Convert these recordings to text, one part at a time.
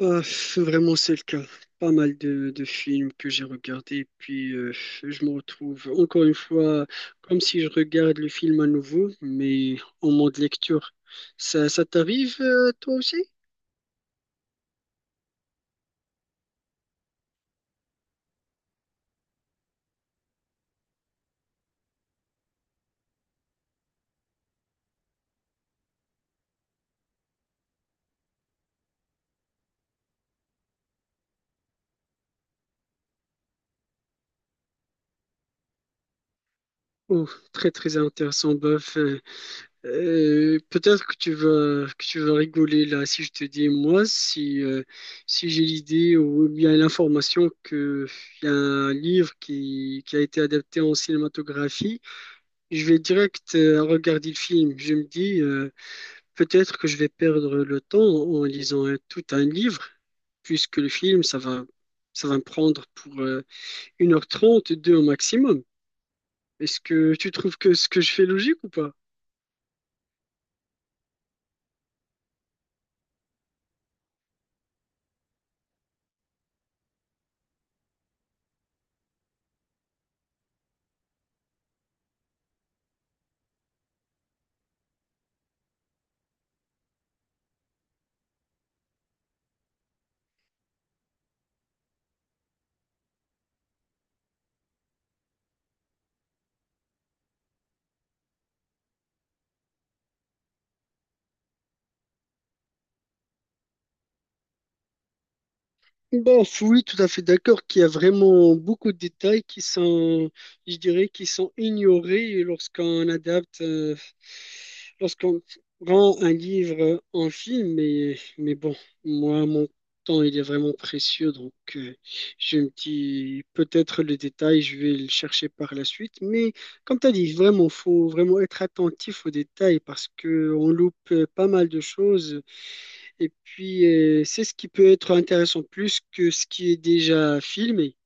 Euh, Vraiment, c'est le cas. Pas mal de films que j'ai regardés, et puis je me retrouve encore une fois comme si je regarde le film à nouveau, mais en mode lecture. Ça t'arrive, toi aussi? Oh, très très intéressant, bof. Peut-être que tu vas rigoler là si je te dis moi si si j'ai l'idée ou bien l'information que il y a un livre qui a été adapté en cinématographie. Je vais direct regarder le film. Je me dis, peut-être que je vais perdre le temps en lisant tout un livre, puisque le film, ça va me prendre pour 1h30, 2 au maximum. Est-ce que tu trouves que ce que je fais est logique ou pas? Bon, oui, tout à fait d'accord qu'il y a vraiment beaucoup de détails qui sont, je dirais, qui sont ignorés lorsqu'on rend un livre en film. Mais bon, moi, mon temps, il est vraiment précieux, donc je me dis peut-être le détail, je vais le chercher par la suite. Mais comme tu as dit, vraiment, faut vraiment être attentif aux détails parce que on loupe pas mal de choses. Et puis, c'est ce qui peut être intéressant plus que ce qui est déjà filmé.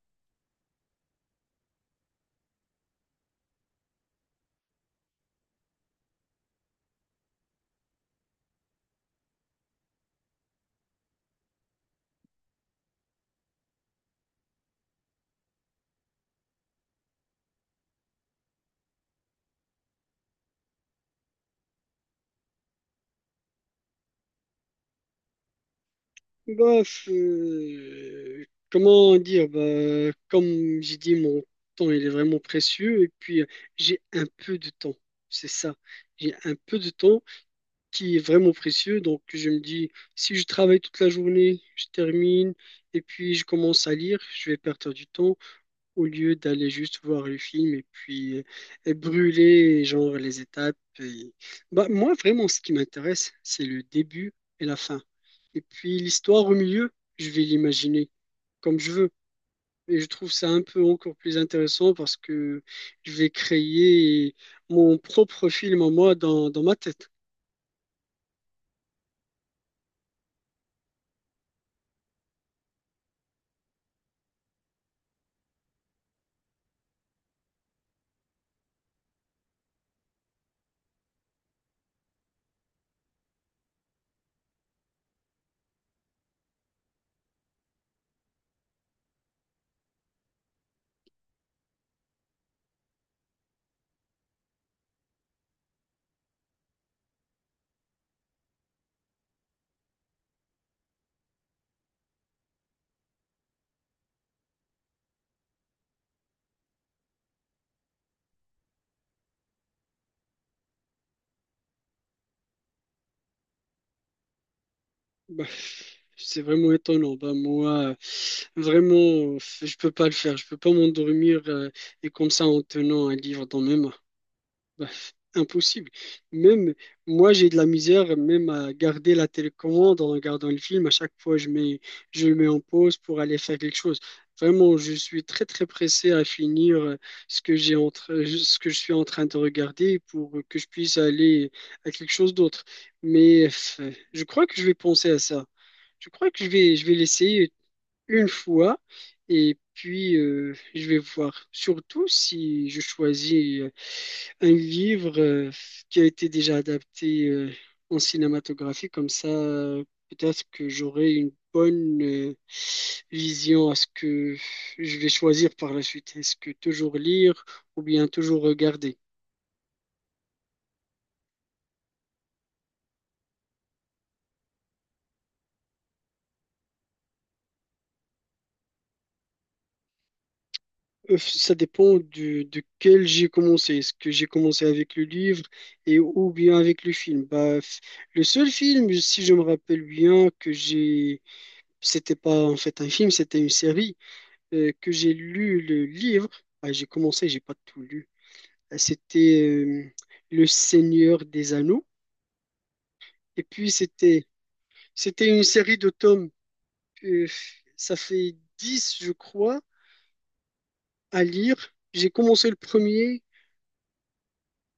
Bof, comment dire, bah, comme j'ai dit, mon temps, il est vraiment précieux. Et puis, j'ai un peu de temps. C'est ça. J'ai un peu de temps qui est vraiment précieux. Donc, je me dis, si je travaille toute la journée, je termine, et puis je commence à lire, je vais perdre du temps, au lieu d'aller juste voir le film et puis brûler genre les étapes. Bah, moi, vraiment, ce qui m'intéresse, c'est le début et la fin. Et puis l'histoire au milieu, je vais l'imaginer comme je veux. Et je trouve ça un peu encore plus intéressant parce que je vais créer mon propre film en moi dans ma tête. Bah, c'est vraiment étonnant. Bah, moi, vraiment, je peux pas le faire. Je peux pas m'endormir et comme ça en tenant un livre dans mes mains. Bah, impossible. Même moi, j'ai de la misère même à garder la télécommande en regardant le film. À chaque fois, je le mets en pause pour aller faire quelque chose. Vraiment, je suis très très pressé à finir ce que je suis en train de regarder pour que je puisse aller à quelque chose d'autre. Mais je crois que je vais penser à ça. Je crois que je vais l'essayer une fois et puis je vais voir. Surtout si je choisis un livre qui a été déjà adapté en cinématographie, comme ça peut-être que j'aurai une bonne vision à ce que je vais choisir par la suite. Est-ce que toujours lire ou bien toujours regarder? Ça dépend de quel j'ai commencé. Est-ce que j'ai commencé avec le livre ou bien avec le film? Bah, le seul film, si je me rappelle bien, que j'ai, c'était pas en fait un film, c'était une série, que j'ai lu le livre. Ah, j'ai commencé, j'ai pas tout lu. Ah, c'était Le Seigneur des Anneaux. Et puis c'était, c'était une série de tomes. Euh, ça fait 10, je crois, à lire. J'ai commencé le premier.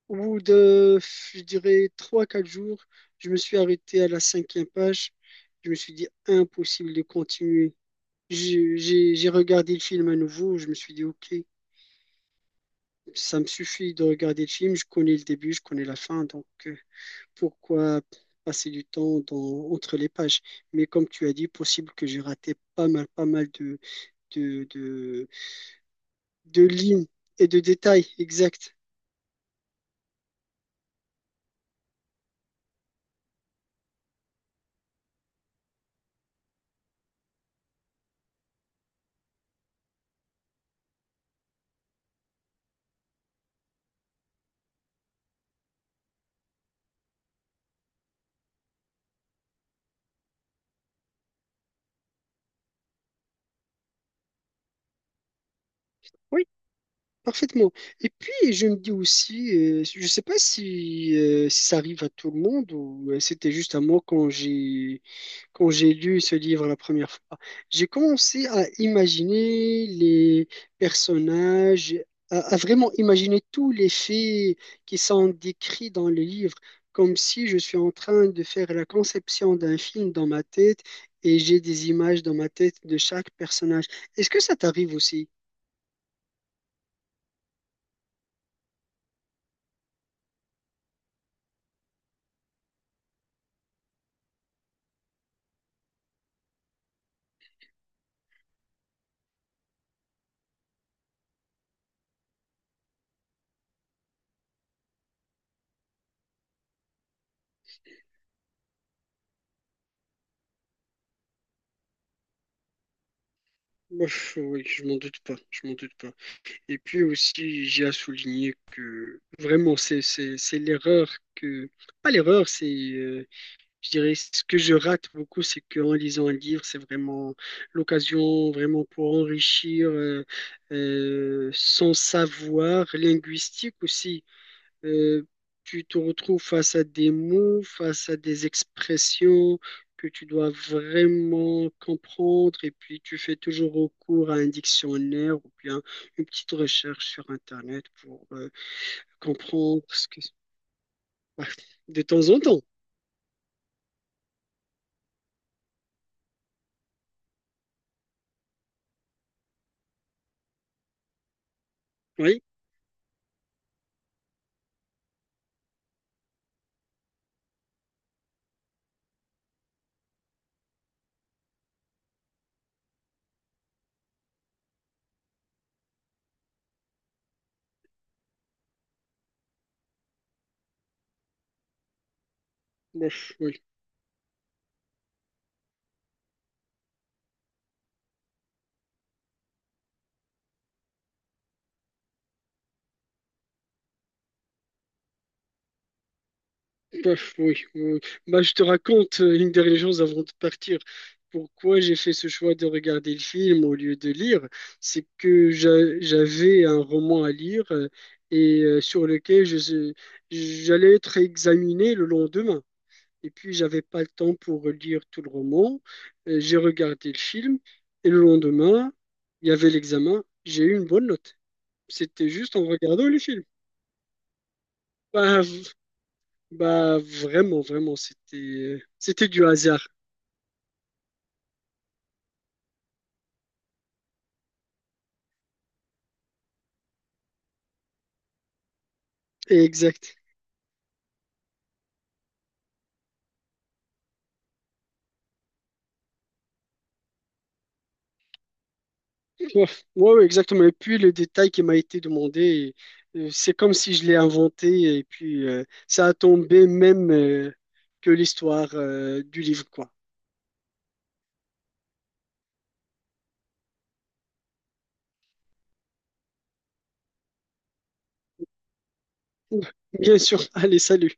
Au bout de, je dirais, trois quatre jours, je me suis arrêté à la cinquième page. Je me suis dit, impossible de continuer. J'ai regardé le film à nouveau. Je me suis dit, OK, ça me suffit de regarder le film. Je connais le début, je connais la fin. Donc, pourquoi passer du temps entre les pages? Mais comme tu as dit, possible que j'ai raté pas mal de, de, de lignes et de détails exacts. Oui, parfaitement. Et puis, je me dis aussi, je ne sais pas si, si ça arrive à tout le monde ou c'était juste à moi quand j'ai lu ce livre la première fois. J'ai commencé à imaginer les personnages, à vraiment imaginer tous les faits qui sont décrits dans le livre, comme si je suis en train de faire la conception d'un film dans ma tête et j'ai des images dans ma tête de chaque personnage. Est-ce que ça t'arrive aussi? Ouf, oui, je m'en doute pas. Et puis aussi, j'ai à souligner que vraiment, c'est l'erreur que... Pas l'erreur, c'est... je dirais, ce que je rate beaucoup, c'est qu'en lisant un livre, c'est vraiment l'occasion vraiment pour enrichir son savoir linguistique aussi. Euh, tu te retrouves face à des mots, face à des expressions que tu dois vraiment comprendre et puis tu fais toujours recours à un dictionnaire ou bien une petite recherche sur Internet pour comprendre ce que... Ouais. De temps en temps, oui. Bon, oui. Bof, oui, oui. Bah, je te raconte une dernière chose avant de partir. Pourquoi j'ai fait ce choix de regarder le film au lieu de lire, c'est que j'avais un roman à lire sur lequel j'allais être examiné le lendemain. Et puis, j'avais pas le temps pour lire tout le roman. J'ai regardé le film et le lendemain, il y avait l'examen. J'ai eu une bonne note. C'était juste en regardant le film. Bah, bah, vraiment, vraiment, c'était du hasard. Exact. Ouais, ouais, exactement. Et puis le détail qui m'a été demandé, c'est comme si je l'ai inventé et puis ça a tombé même que l'histoire du livre, quoi. Bien sûr. Allez, salut.